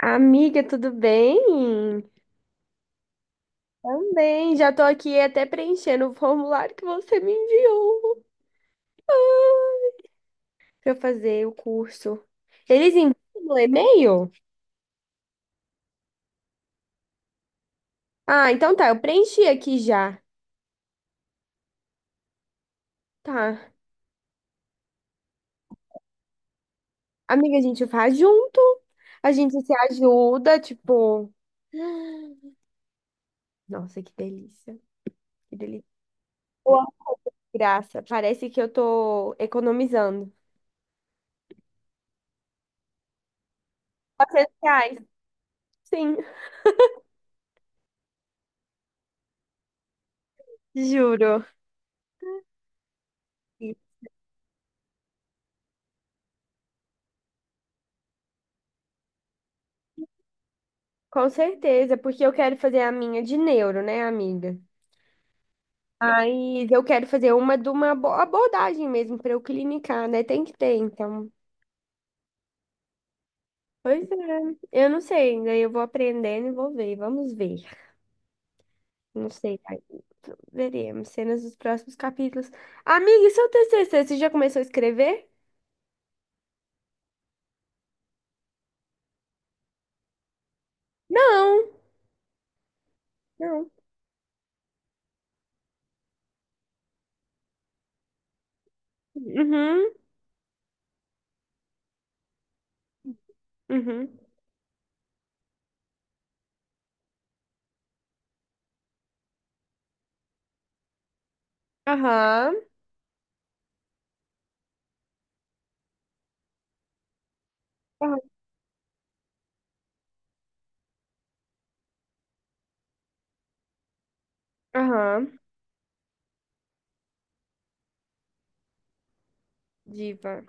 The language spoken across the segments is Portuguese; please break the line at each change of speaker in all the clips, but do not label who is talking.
Amiga, tudo bem? Também, já tô aqui até preenchendo o formulário que você me enviou para fazer o curso. Eles enviam no e-mail? Ah, então tá, eu preenchi aqui já. Tá. Amiga, a gente faz junto, a gente se ajuda, tipo. Nossa, que delícia, que delícia. Boa. Graça, parece que eu tô economizando. Reais, sim, juro. Com certeza, porque eu quero fazer a minha de neuro, né, amiga? Mas eu quero fazer uma de uma abordagem mesmo para eu clinicar, né? Tem que ter, então. Pois é, eu não sei ainda, eu vou aprendendo e vou ver, vamos ver. Não sei, ai, veremos, cenas dos próximos capítulos. Amiga, e seu TCC, você já começou a escrever? Não, não. Uhum, uhum. Aham, aham, aham. Diva,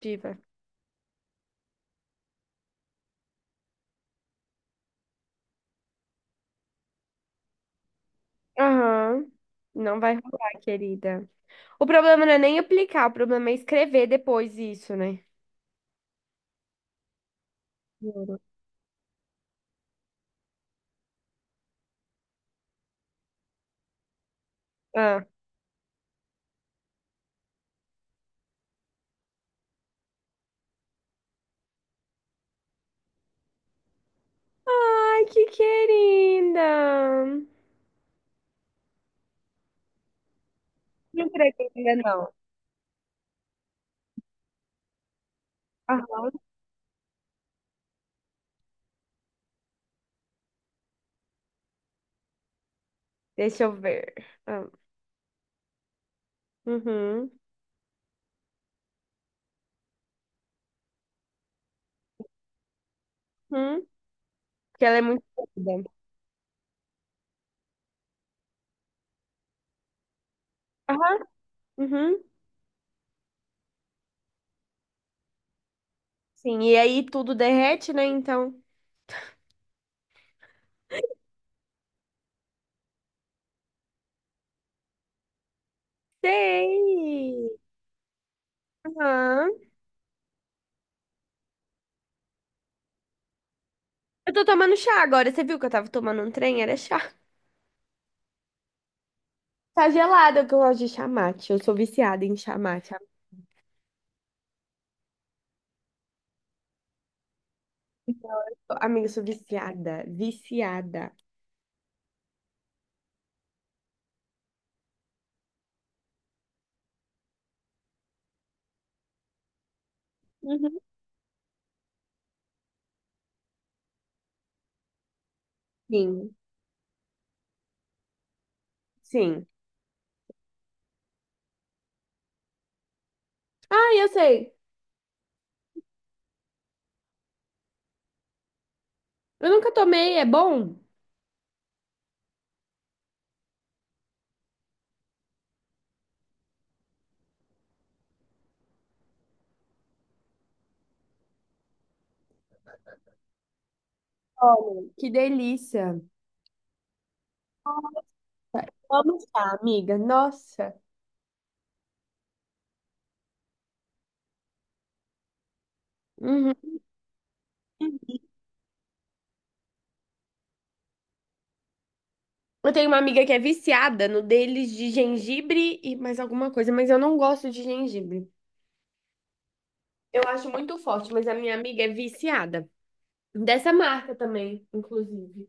diva. Aham. Não vai rolar, querida. O problema não é nem aplicar, o problema é escrever depois isso, né? Juro. Ah. Ai, que querida! Não creio ainda não. Aham. Deixa eu ver. Ah, uhum. Uhum. Porque ela é muito querida. Aham. Uhum. Sim, e aí tudo derrete, né? Então. Sei! Aham. Eu tô tomando chá agora. Você viu que eu tava tomando um trem? Era chá. Tá gelado, que eu gosto de chá mate. Eu sou viciada em chá mate. Amiga, eu sou viciada. Viciada. Uhum. Sim, sim. Ah, eu sei. Eu nunca tomei, é bom? Olha, que delícia. Vamos lá, amiga. Nossa. Uhum. Eu tenho uma amiga que é viciada no deles de gengibre e mais alguma coisa, mas eu não gosto de gengibre. Eu acho muito forte, mas a minha amiga é viciada. Dessa marca também, inclusive.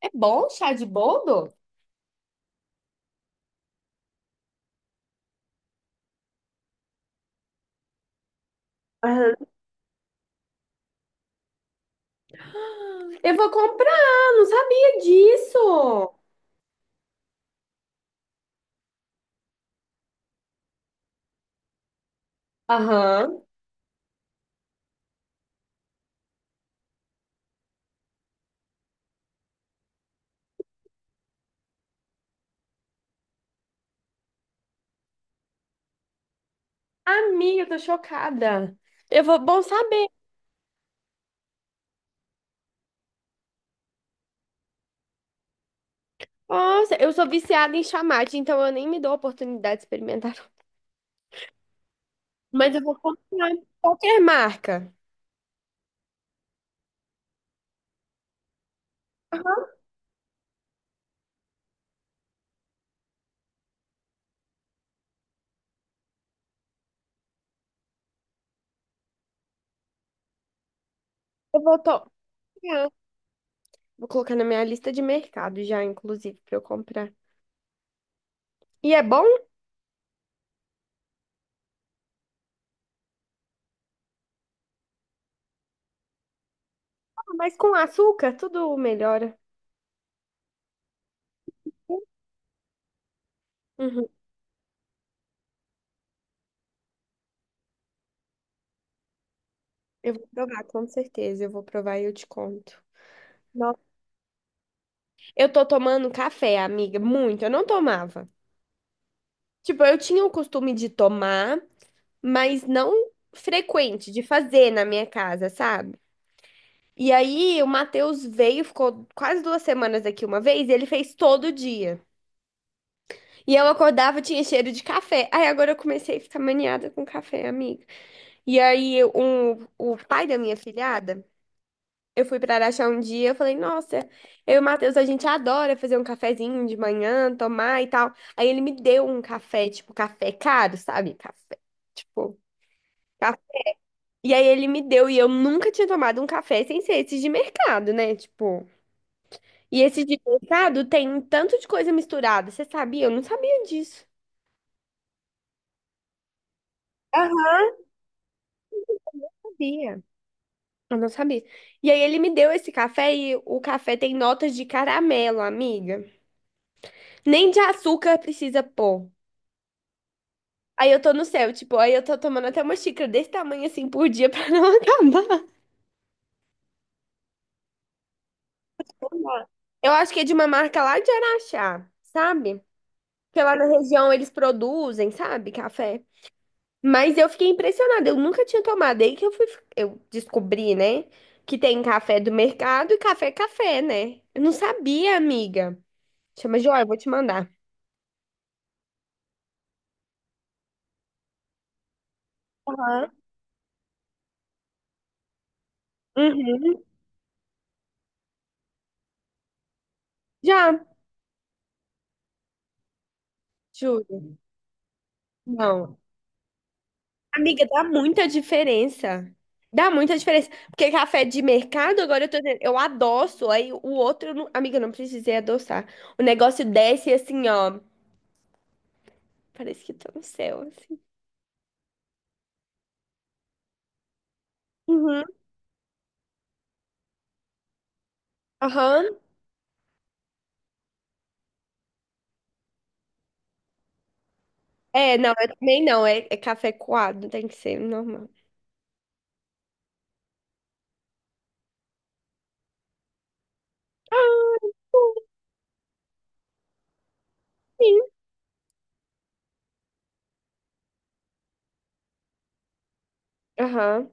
É bom chá de boldo? Aham. Eu vou comprar, não sabia disso. Aham. Amiga, eu tô chocada. Eu vou, bom saber. Nossa, eu sou viciada em chamate, então eu nem me dou a oportunidade de experimentar. Mas eu vou comprar qualquer marca. Eu vou to- Comprar. Vou colocar na minha lista de mercado já, inclusive, pra eu comprar. E é bom, mas com açúcar tudo melhora. Uhum. Eu vou provar, com certeza. Eu vou provar e eu te conto. Nossa. Eu tô tomando café, amiga, muito. Eu não tomava. Tipo, eu tinha o costume de tomar, mas não frequente, de fazer na minha casa, sabe? E aí, o Matheus veio, ficou quase duas semanas aqui uma vez, e ele fez todo dia. E eu acordava, tinha cheiro de café. Aí agora eu comecei a ficar maniada com café, amiga. E aí, o pai da minha filhada, eu fui pra Araxá um dia, eu falei, nossa, eu e o Matheus, a gente adora fazer um cafezinho de manhã, tomar e tal. Aí ele me deu um café, tipo, café caro, sabe? Café, tipo... ca- E aí ele me deu, e eu nunca tinha tomado um café sem ser esse de mercado, né? Tipo... E esse de mercado tem um tanto de coisa misturada, você sabia? Eu não sabia disso. Aham. Sabia. Eu não sabia. E aí ele me deu esse café e o café tem notas de caramelo, amiga. Nem de açúcar precisa pôr. Aí eu tô no céu, tipo, aí eu tô tomando até uma xícara desse tamanho assim por dia pra não acabar. Eu acho que é de uma marca lá de Araxá, sabe? Porque lá na região eles produzem, sabe, café. Mas eu fiquei impressionada, eu nunca tinha tomado. Aí que eu fui, eu descobri, né, que tem café do mercado e café é café, né? Eu não sabia, amiga. Chama Joia, eu vou te mandar. Aham. Uhum. Já, juro. Não. Amiga, dá muita diferença. Dá muita diferença. Porque café de mercado, agora eu tô dizendo, eu adoço, aí o outro, eu não- amiga, eu não precisei adoçar. O negócio desce assim, ó. Parece que tô no céu, assim. Uhum. Aham. É, não, eu também não. É, é café coado, tem que ser normal. Ah, sim. Aham,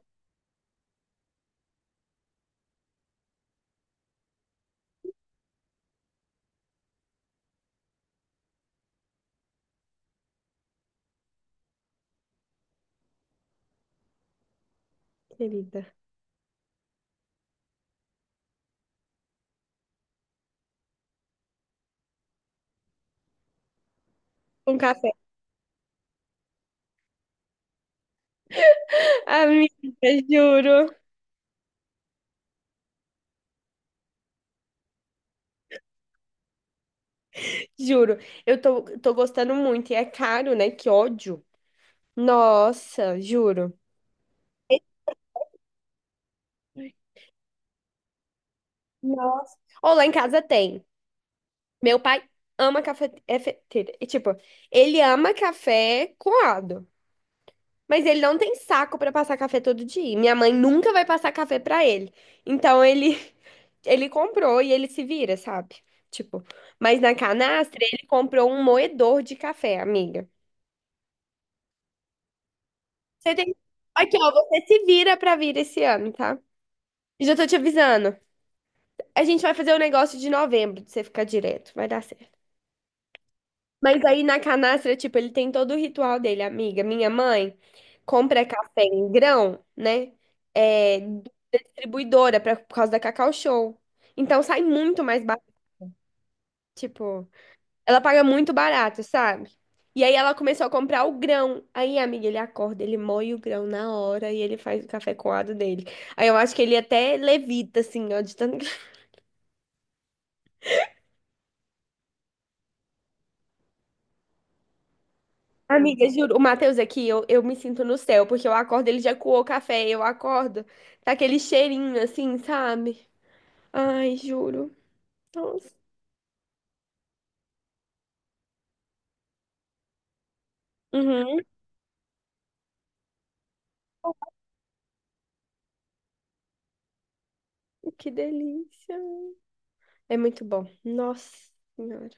querida. Um café. Amiga, juro, juro. Eu tô, tô gostando muito. E é caro, né? Que ódio. Nossa, juro. Nossa. Ou lá em casa tem. Meu pai ama café. É, é, tipo, ele ama café coado. Mas ele não tem saco pra passar café todo dia. E minha mãe nunca vai passar café pra ele. Então ele ele comprou e ele se vira, sabe? Tipo, mas na canastra ele comprou um moedor de café, amiga. Você tem Aqui, ó, você se vira pra vir esse ano, tá? E já tô te avisando. A gente vai fazer o negócio de novembro, de você ficar direto. Vai dar certo. Mas aí na canastra, tipo, ele tem todo o ritual dele, amiga. Minha mãe compra café em grão, né? É, da distribuidora pra, por causa da Cacau Show. Então sai muito mais barato, tipo, ela paga muito barato, sabe? E aí ela começou a comprar o grão. Aí, amiga, ele acorda, ele moe o grão na hora e ele faz o café coado dele. Aí eu acho que ele é até levita, assim, ó, de tanto. Amiga, juro, o Matheus aqui, eu me sinto no céu, porque eu acordo, ele já coou o café, eu acordo, tá aquele cheirinho assim, sabe? Ai, juro. Nossa. Uhum. Que delícia. É muito bom. Nossa Senhora.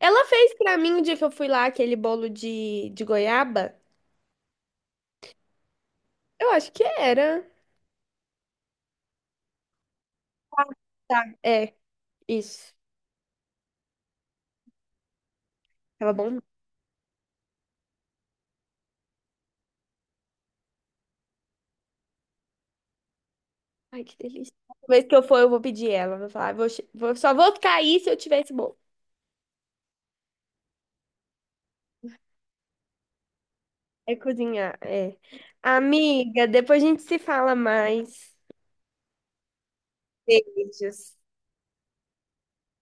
Ela fez pra mim o dia que eu fui lá aquele bolo de goiaba. Eu acho que era. Tá, é, isso. Tava bom? Ai, que delícia. Toda vez que eu for, eu vou pedir ela. Vou falar, "Ah, vou, só vou ficar aí se eu tiver esse bolo." É cozinhar, é. Amiga, depois a gente se fala mais. Beijos.